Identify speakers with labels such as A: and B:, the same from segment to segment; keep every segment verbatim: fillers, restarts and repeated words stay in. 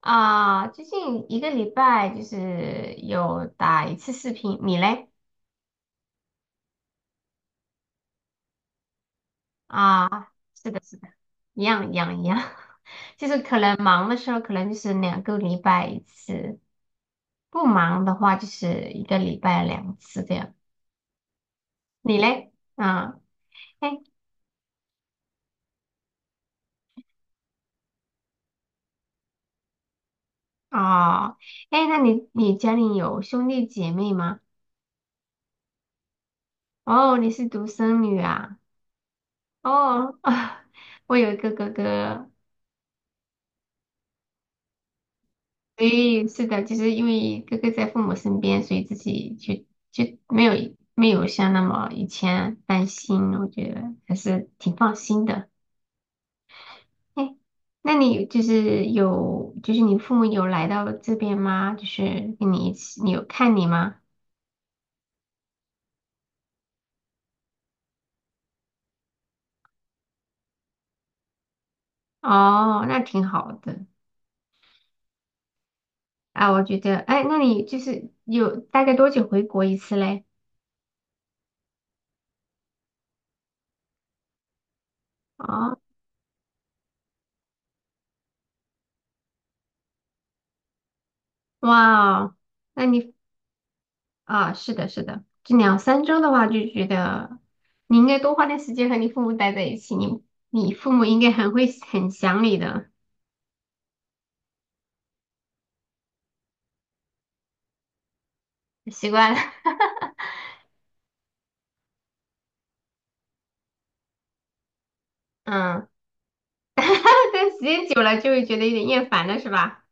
A: 啊，最近一个礼拜就是有打一次视频，你嘞？啊，是的，是的，一样一样一样，就是可能忙的时候可能就是两个礼拜一次，不忙的话就是一个礼拜两次这样。你嘞？啊，哎，哦，哎，那你你家里有兄弟姐妹吗？哦，你是独生女啊？哦，我有一个哥哥所以是的，就是因为哥哥在父母身边，所以自己就就没有没有像那么以前担心，我觉得还是挺放心的。哎，那你就是有就是你父母有来到这边吗？就是跟你一起，你有看你吗？哦，那挺好的啊，我觉得，哎，那你就是有大概多久回国一次嘞？哦，哇哦那你啊，是的，是的，这两三周的话，就觉得你应该多花点时间和你父母待在一起，你你父母应该很会很想你的，习惯了，嗯，但时间久了就会觉得有点厌烦了，是吧？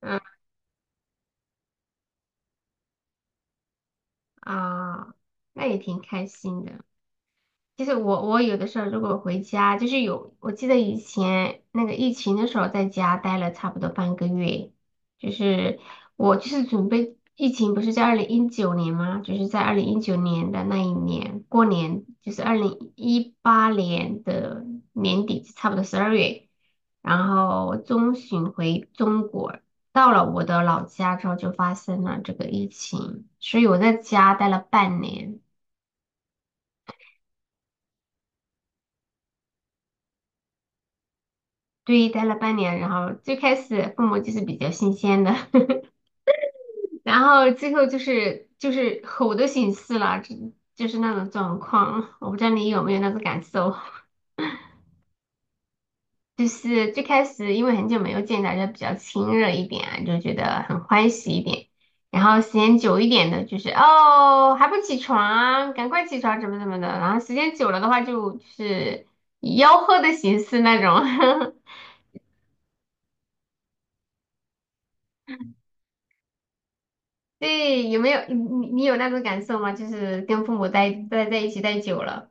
A: 嗯啊，那也挺开心的。其实我我有的时候如果回家，就是有，我记得以前那个疫情的时候，在家待了差不多半个月，就是我就是准备疫情不是在二零一九年吗？就是在二零一九年的那一年过年，就是二零一八年的年底，差不多十二月，然后中旬回中国，到了我的老家之后就发生了这个疫情，所以我在家待了半年。对，待了半年，然后最开始父母就是比较新鲜的，然后最后就是就是吼的形式了，就就是那种状况，我不知道你有没有那种感受，就是最开始因为很久没有见，大家比较亲热一点啊，就觉得很欢喜一点，然后时间久一点的，就是哦还不起床，赶快起床，怎么怎么的，然后时间久了的话就就是吆喝的形式那种，对，有没有你你你有那种感受吗？就是跟父母待待在一起待久了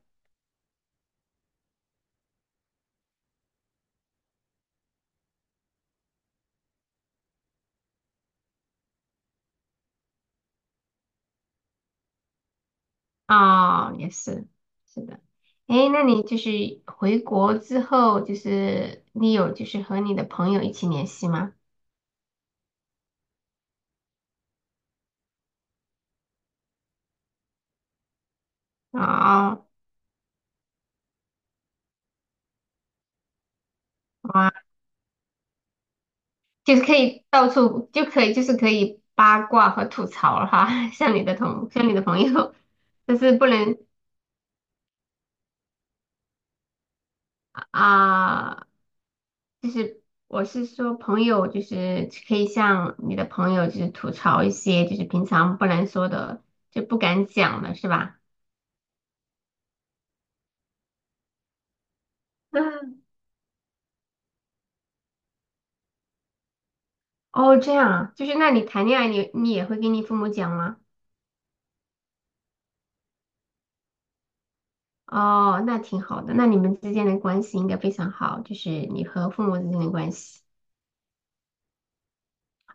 A: 啊，也是，是的。诶，那你就是回国之后，就是你有就是和你的朋友一起联系吗？啊哇，就是可以到处就可以就是可以八卦和吐槽了哈，像你的同像你的朋友，但是不能啊、就是我是说朋友，就是可以向你的朋友就是吐槽一些就是平常不能说的，就不敢讲了，是吧？嗯，哦，这样啊，就是那你谈恋爱你你也会跟你父母讲吗？哦，那挺好的，那你们之间的关系应该非常好，就是你和父母之间的关系。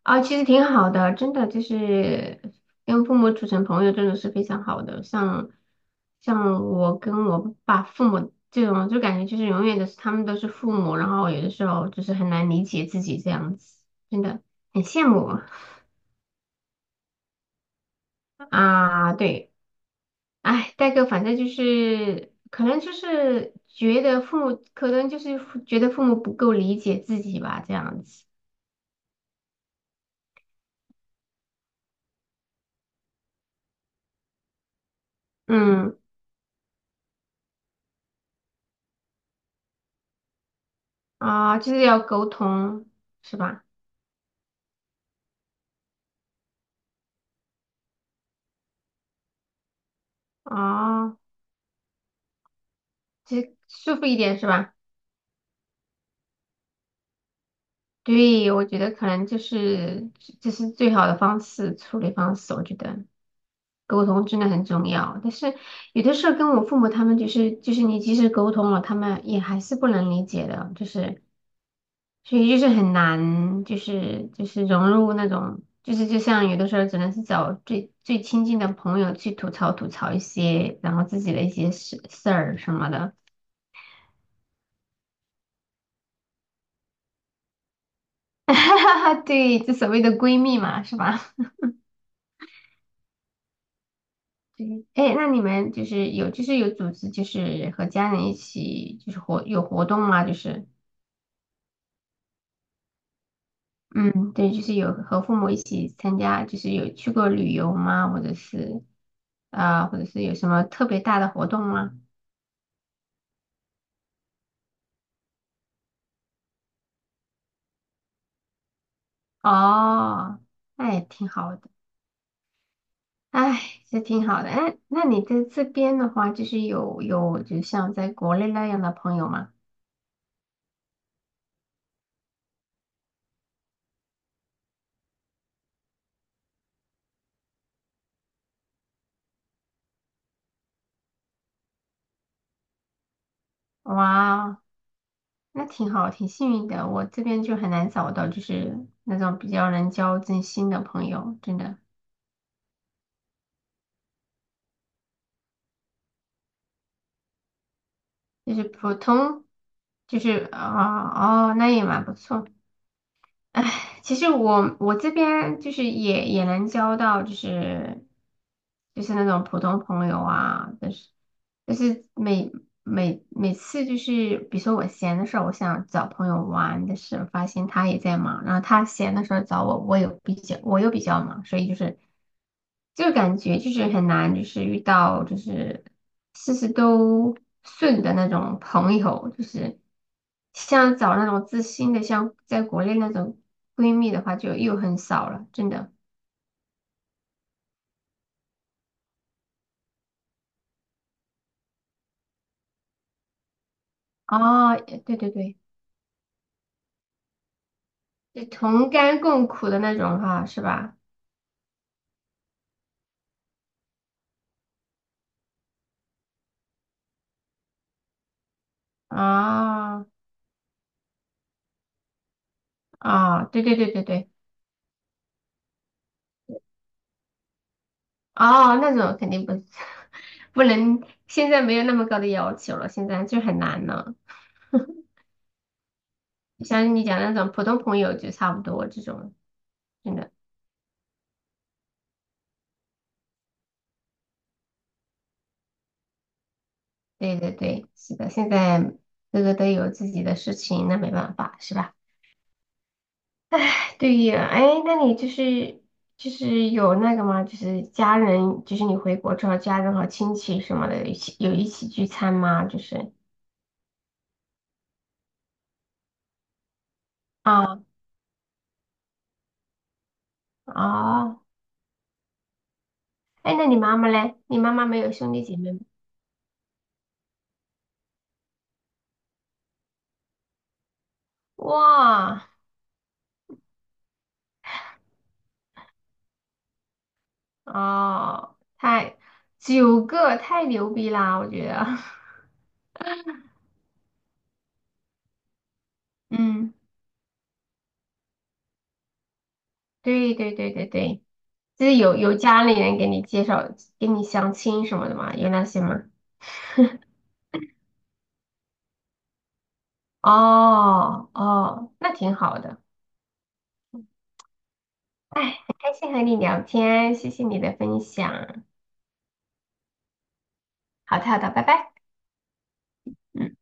A: 啊，其实挺好的，真的就是跟父母处成朋友，真的是非常好的。像像我跟我爸父母这种，就感觉就是永远都是他们都是父母，然后有的时候就是很难理解自己这样子，真的很羡慕啊。对，哎，代哥，反正就是可能就是觉得父母，可能就是觉得父母不够理解自己吧，这样子。嗯啊，就是要沟通，是吧？啊。这舒服一点是吧？对，我觉得可能就是这是最好的方式，处理方式。我觉得沟通真的很重要，但是有的时候跟我父母他们就是就是你即使沟通了，他们也还是不能理解的，就是所以就是很难，就是就是融入那种，就是就像有的时候只能是找最最亲近的朋友去吐槽吐槽一些，然后自己的一些事事儿什么的。对，就所谓的闺蜜嘛，是吧？对，哎，那你们就是有，就是有组织，就是和家人一起，就是活有活动吗？就是，嗯，对，就是有和父母一起参加，就是有去过旅游吗？或者是，啊、或者是有什么特别大的活动吗？哦，那也挺好的，哎，这挺好的。哎，那你在这边的话，就是有有，就像在国内那样的朋友吗？哇哦那挺好，挺幸运的。我这边就很难找到，就是那种比较能交真心的朋友，真的就是普通，就是啊哦，那也蛮不错。唉，其实我我这边就是也也能交到，就是就是那种普通朋友啊，但是。就是每每每次就是，比如说我闲的时候，我想找朋友玩的时候，但是我发现他也在忙，然后他闲的时候找我，我有比较，我又比较忙，所以就是就感觉就是很难，就是遇到就是事事都顺的那种朋友，就是像找那种知心的，像在国内那种闺蜜的话，就又很少了，真的。哦，对对对，就同甘共苦的那种哈，是吧？啊。啊，对对对对对，哦，那种肯定不 不能，现在没有那么高的要求了，现在就很难了。像你讲那种普通朋友就差不多这种，真的，对对对，是的，现在各个都有自己的事情，那没办法，是吧？对呀，哎，那你就是就是有那个吗？就是家人，就是你回国之后，家人和亲戚什么的，一起有一起聚餐吗？就是啊哦，哎，那你妈妈嘞？你妈妈没有兄弟姐妹吗哇，哦，太九个太牛逼啦，我觉得。嗯，对对对对对，就是有有家里人给你介绍，给你相亲什么的嘛，有那些吗？哦哦，那挺好的。哎，很开心和你聊天，谢谢你的分享。好的好的，拜拜。嗯。